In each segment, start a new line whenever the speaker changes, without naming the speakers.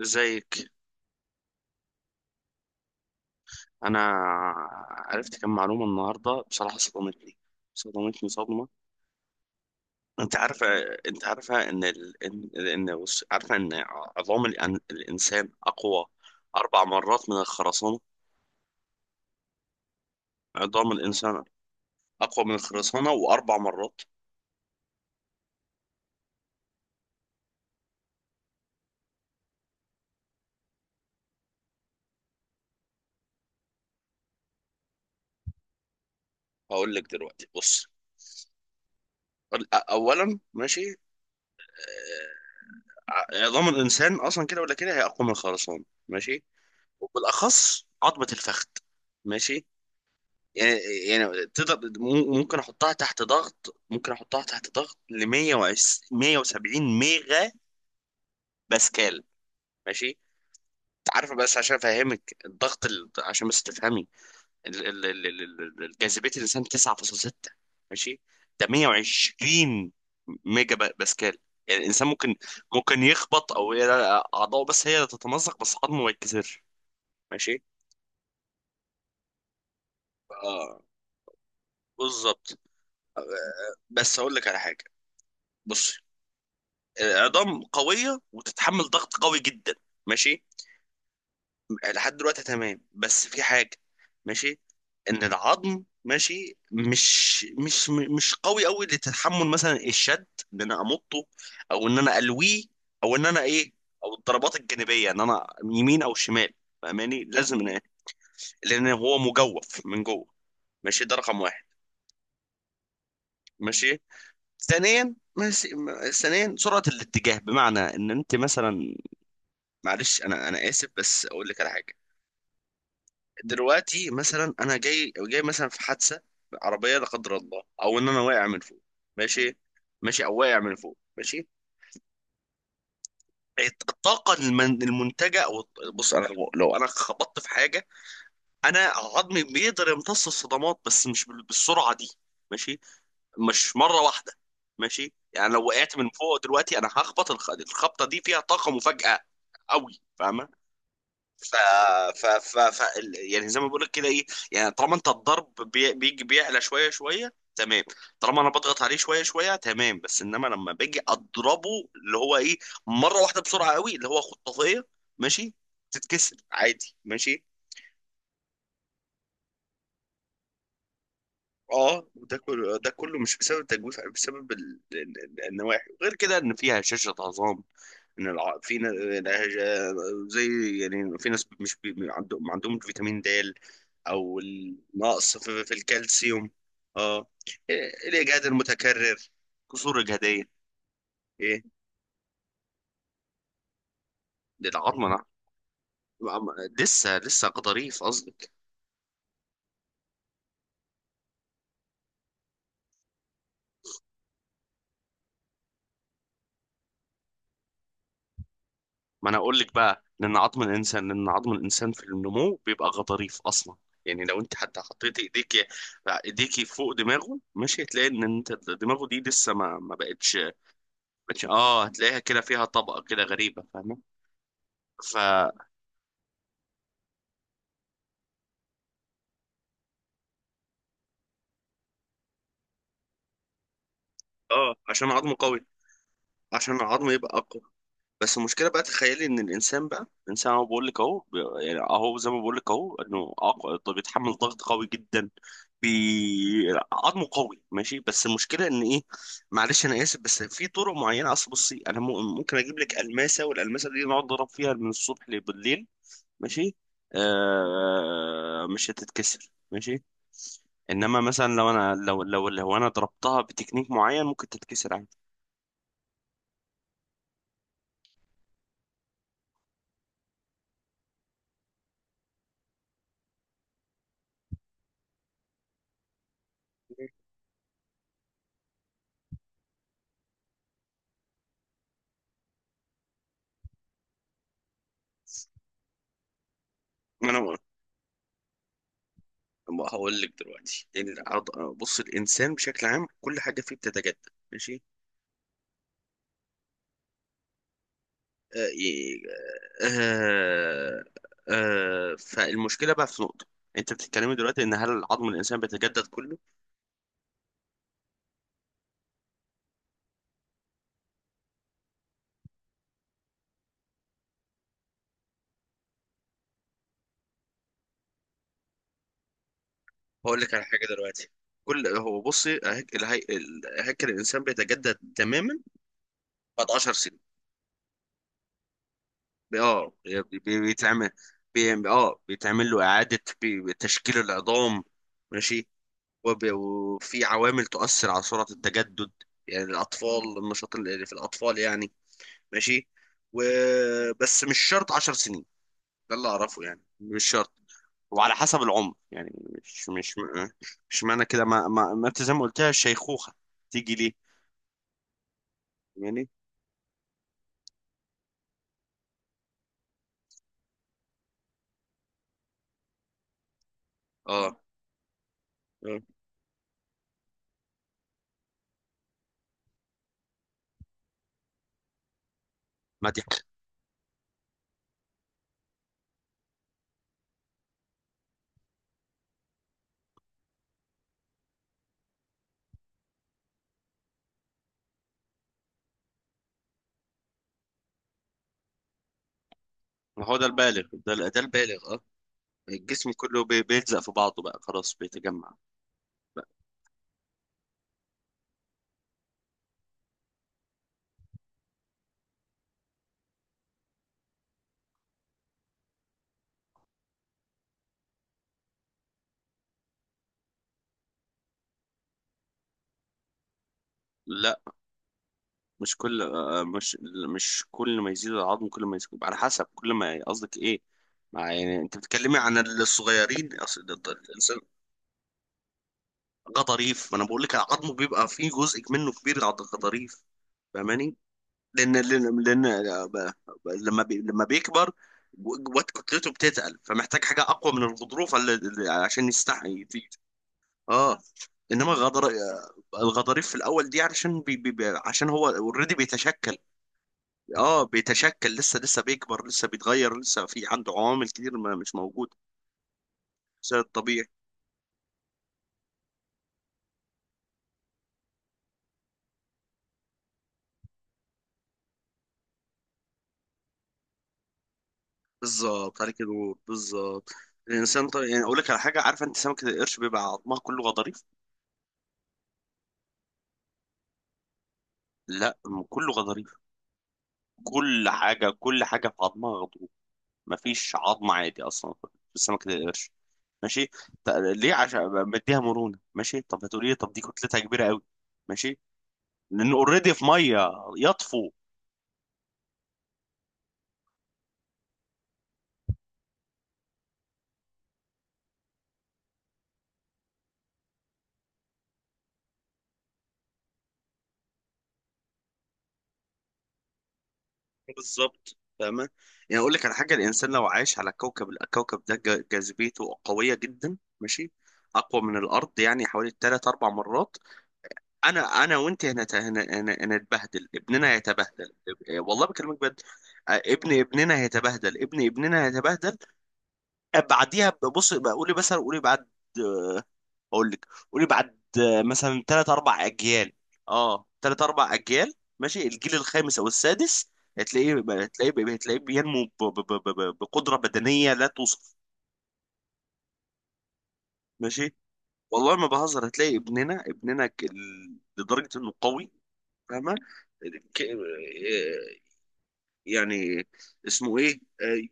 ازيك؟ انا عرفت كم معلومه النهارده. بصراحه صدمتني صدمه. انت عارفه انت عارفه ان ال... ان ان بص، عارفه ان عظام الانسان اقوى 4 مرات من الخرسانه. عظام الانسان اقوى من الخرسانه واربع مرات. هقول لك دلوقتي. بص، اولا، ماشي. عظام الانسان اصلا كده ولا كده هي اقوى من الخرسانه، ماشي. وبالاخص عظمه الفخذ، ماشي. يعني يعني تقدر ممكن احطها تحت ضغط، ل 170 ميجا باسكال. ماشي؟ انت عارف، بس عشان افهمك الضغط. عشان بس تفهمي جاذبيه الانسان 9.6، ماشي. ده 120 ميجا باسكال. يعني الانسان ممكن، ممكن يخبط او ي- اعضائه بس هي اللي تتمزق، بس عظمه ما يتكسرش، ماشي. آه، بالظبط. بس هقول لك على حاجه، بص. عظام قوية وتتحمل ضغط قوي جدا، ماشي. لحد دلوقتي تمام، بس في حاجة، ماشي. ان العظم، ماشي، مش قوي قوي لتحمل مثلا الشد، ان انا امطه، او ان انا الويه، او ان انا ايه، او الضربات الجانبية، ان انا يمين او شمال. فاهماني؟ لازم لان هو مجوف من جوه، ماشي. ده رقم واحد. ماشي. ثانيا، ماشي. ثانيا سرعة الاتجاه، بمعنى ان انت مثلا، معلش انا اسف، بس اقول لك على حاجه. دلوقتي مثلا انا جاي مثلا في حادثه عربيه، لا قدر الله، او ان انا واقع من فوق، ماشي. ماشي، او واقع من فوق، ماشي. الطاقه المنتجه، او بص، انا لو انا خبطت في حاجه، انا عظمي بيقدر يمتص الصدمات، بس مش بالسرعه دي، ماشي. مش مره واحده، ماشي. يعني لو وقعت من فوق دلوقتي انا هخبط، الخبطه دي فيها طاقه مفاجاه قوي، فاهمه؟ ف... ف... ف... ف يعني زي ما بقول لك كده، ايه؟ يعني طالما انت الضرب بيجي بيعلى شويه شويه، تمام. طالما انا بضغط عليه شويه شويه تمام، بس انما لما باجي اضربه اللي هو ايه، مره واحده بسرعه قوي اللي هو خطافيه، ماشي، تتكسر عادي، ماشي. اه، ده كله مش بسبب التجويف، بسبب النواحي. غير كده ان فيها هشاشة عظام، ان الع... في ن- الهجا- زي يعني في ناس مش بي... ما عندهمش فيتامين د، او النقص في الكالسيوم. اه، إيه، الاجهاد المتكرر، كسور اجهاديه، ايه. ده العظمه، لسه ظريف، قصدي. ما انا اقول لك بقى، لان عظم الانسان في النمو بيبقى غضاريف اصلا. يعني لو انت حتى حطيت ايديكي فوق دماغه، مش هتلاقي ان انت دماغه دي لسه ما بقتش. اه هتلاقيها كده فيها طبقه كده غريبه، فاهمه؟ ف اه عشان عظمه قوي، عشان العظم يبقى. بس المشكله بقى، تخيلي ان الانسان بقى، الانسان اهو بقول لك اهو بي- يعني اهو زي ما بقول لك اهو، طب بيتحمل ضغط قوي جدا. بي... عظمه قوي ماشي، بس المشكله ان ايه، معلش انا اسف، بس في طرق معينه. اصل بصي، انا ممكن اجيب لك الماسه، والالماسه دي نقعد نضرب فيها من الصبح لبالليل، ماشي. مش هتتكسر، ماشي. انما مثلا لو انا، لو لو لو انا ضربتها بتكنيك معين، ممكن تتكسر عادي. ما انا ما هقول لك دلوقتي، بص، الانسان بشكل عام كل حاجه فيه بتتجدد، ماشي. آه ي- آه آه، فالمشكله بقى في نقطه، انت بتتكلمي دلوقتي ان هل عظم الانسان بيتجدد كله. هقول لك على حاجه دلوقتي. كل هو، بصي، هيكل الانسان بيتجدد تماما بعد 10 سنين. بي- اه بي- بي- بيتعمل بيتعمل له اعاده تشكيل العظام، ماشي. وفي عوامل تؤثر على سرعة التجدد. يعني الأطفال، النشاط اللي في الأطفال يعني، ماشي. وبس مش شرط 10 سنين، ده اللي أعرفه، يعني مش شرط. وعلى حسب العمر يعني، مش مش مش معنى كده، ما ما ما انت زي ما قلتها الشيخوخة تيجي ليه، يعني. اه، آه. ما دي، ما هو ده البالغ، ده البالغ، اه. الجسم كله بيلزق في بعضه، بقى خلاص بيتجمع بقى. لا، مش كل آه، مش مش كل ما يزيد العظم كل ما يزيد، على حسب كل ما قصدك ايه. مع يعني انت بتتكلمي عن الصغيرين. أصل الانسان غضاريف. ما انا بقول لك عظمه بيبقى فيه جزء منه كبير غضاريف، فاهماني؟ لان لان لان لما لما بيكبر، جوات كتلته بتتقل، فمحتاج حاجه اقوى من الغضروف عشان يستحي، اه. انما غضر آه، الغضاريف في الاول دي علشان عشان هو اوريدي بيتشكل، اه، بيتشكل، لسه لسه بيكبر، لسه بيتغير، لسه في عنده عوامل كتير ما مش موجوده زي الطبيعي. بالظبط، عليك نور، بالظبط. الانسان طبيعي، يعني اقول لك على حاجه، عارفه انت سمكه القرش بيبقى عظمها كله غضاريف. لا، كله غضاريف، كل حاجه في عظمها غضروف. مفيش عظم عادي اصلا في سمكه القرش، ماشي. ط- ليه؟ عشان مديها مرونه، ماشي. طب هتقولي لي طب دي كتلتها كبيره قوي، ماشي. لانه اوريدي في ميه، يطفو. بالظبط، فاهمة؟ يعني أقول لك على حاجة، الإنسان لو عايش على كوكب، الكوكب ده جاذبيته قوية جدا، ماشي، أقوى من الأرض يعني حوالي تلات أربع مرات. أنا وأنت هنا، هنتبهدل، ابننا هيتبهدل. إيه، والله بكلمك بجد. آه، ابن ابننا هيتبهدل، ابن ابننا هيتبهدل. آه، بعديها، بص بقولي مثلا قولي بعد بقول لك قولي بعد آه، مثلا 3 4 اجيال. اه، 3 4 اجيال، ماشي. الجيل الخامس او السادس هتلاقيه هتلاقيه بينمو بقدره بدنيه لا توصف، ماشي. والله ما بهزر، هتلاقي ابننا لدرجه انه قوي، فاهمه؟ ك- آه، يعني اسمه ايه آه،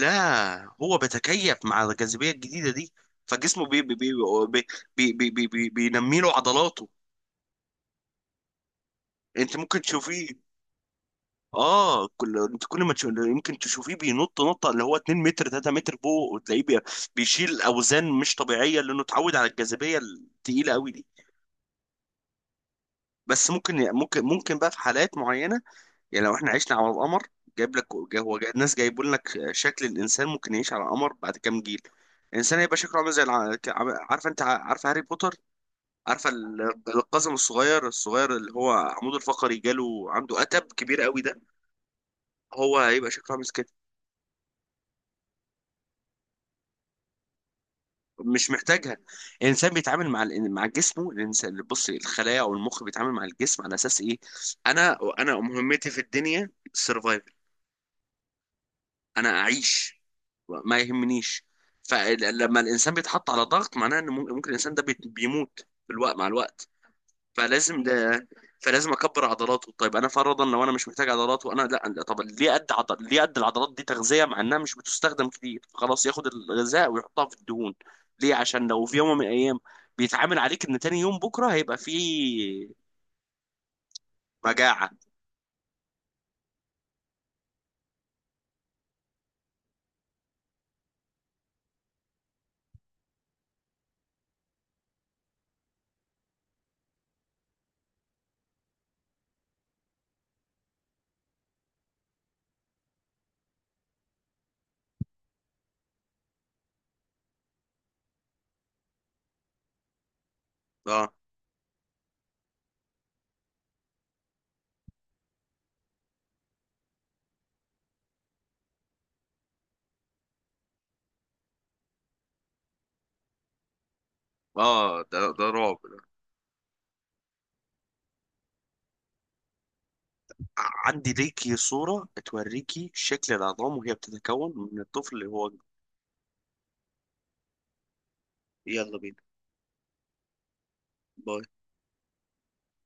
لا، هو بيتكيف مع الجاذبيه الجديده دي، فجسمه بي بي بي بي بي بي بي بي بينمي له عضلاته. انت ممكن تشوفيه، اه. كل ما تشوف، يمكن تشوفيه بينط نطه اللي هو 2 متر 3 متر فوق، وتلاقيه بيشيل اوزان مش طبيعيه، لانه اتعود على الجاذبيه التقيله قوي دي. بس ممكن بقى في حالات معينه. يعني لو احنا عشنا على القمر، جايب لك جا- هو جا- الناس جايبوا لك شكل الانسان ممكن يعيش على القمر بعد كام جيل. الانسان هيبقى شكله عامل زي عارفه انت، عارفه هاري بوتر؟ عارفه القزم الصغير الصغير اللي هو عمود الفقري جاله عنده قتب كبير قوي ده، هو هيبقى شكله عامل. مش محتاجها. الانسان بيتعامل مع مع جسمه. الانسان، بص، الخلايا او المخ بيتعامل مع الجسم على اساس ايه، انا مهمتي في الدنيا السرفايفل، انا اعيش. ما يهمنيش. فلما الانسان بيتحط على ضغط، معناه ان ممكن، الانسان ده بيموت في الوقت مع الوقت. فلازم ده، فلازم اكبر عضلاته. طيب انا فرضا لو انا مش محتاج عضلات، وانا لا لا، طب ليه قد عضل، ليه قد العضلات دي تغذيه مع انها مش بتستخدم كتير، خلاص ياخد الغذاء ويحطها في الدهون. ليه؟ عشان لو في يوم من الايام بيتعامل عليك ان تاني يوم بكره هيبقى فيه مجاعه. اه، اه، ده رعب ده. عندي ليكي صوره توريكي شكل العظام وهي بتتكون من الطفل اللي هو، يلا بينا. باي.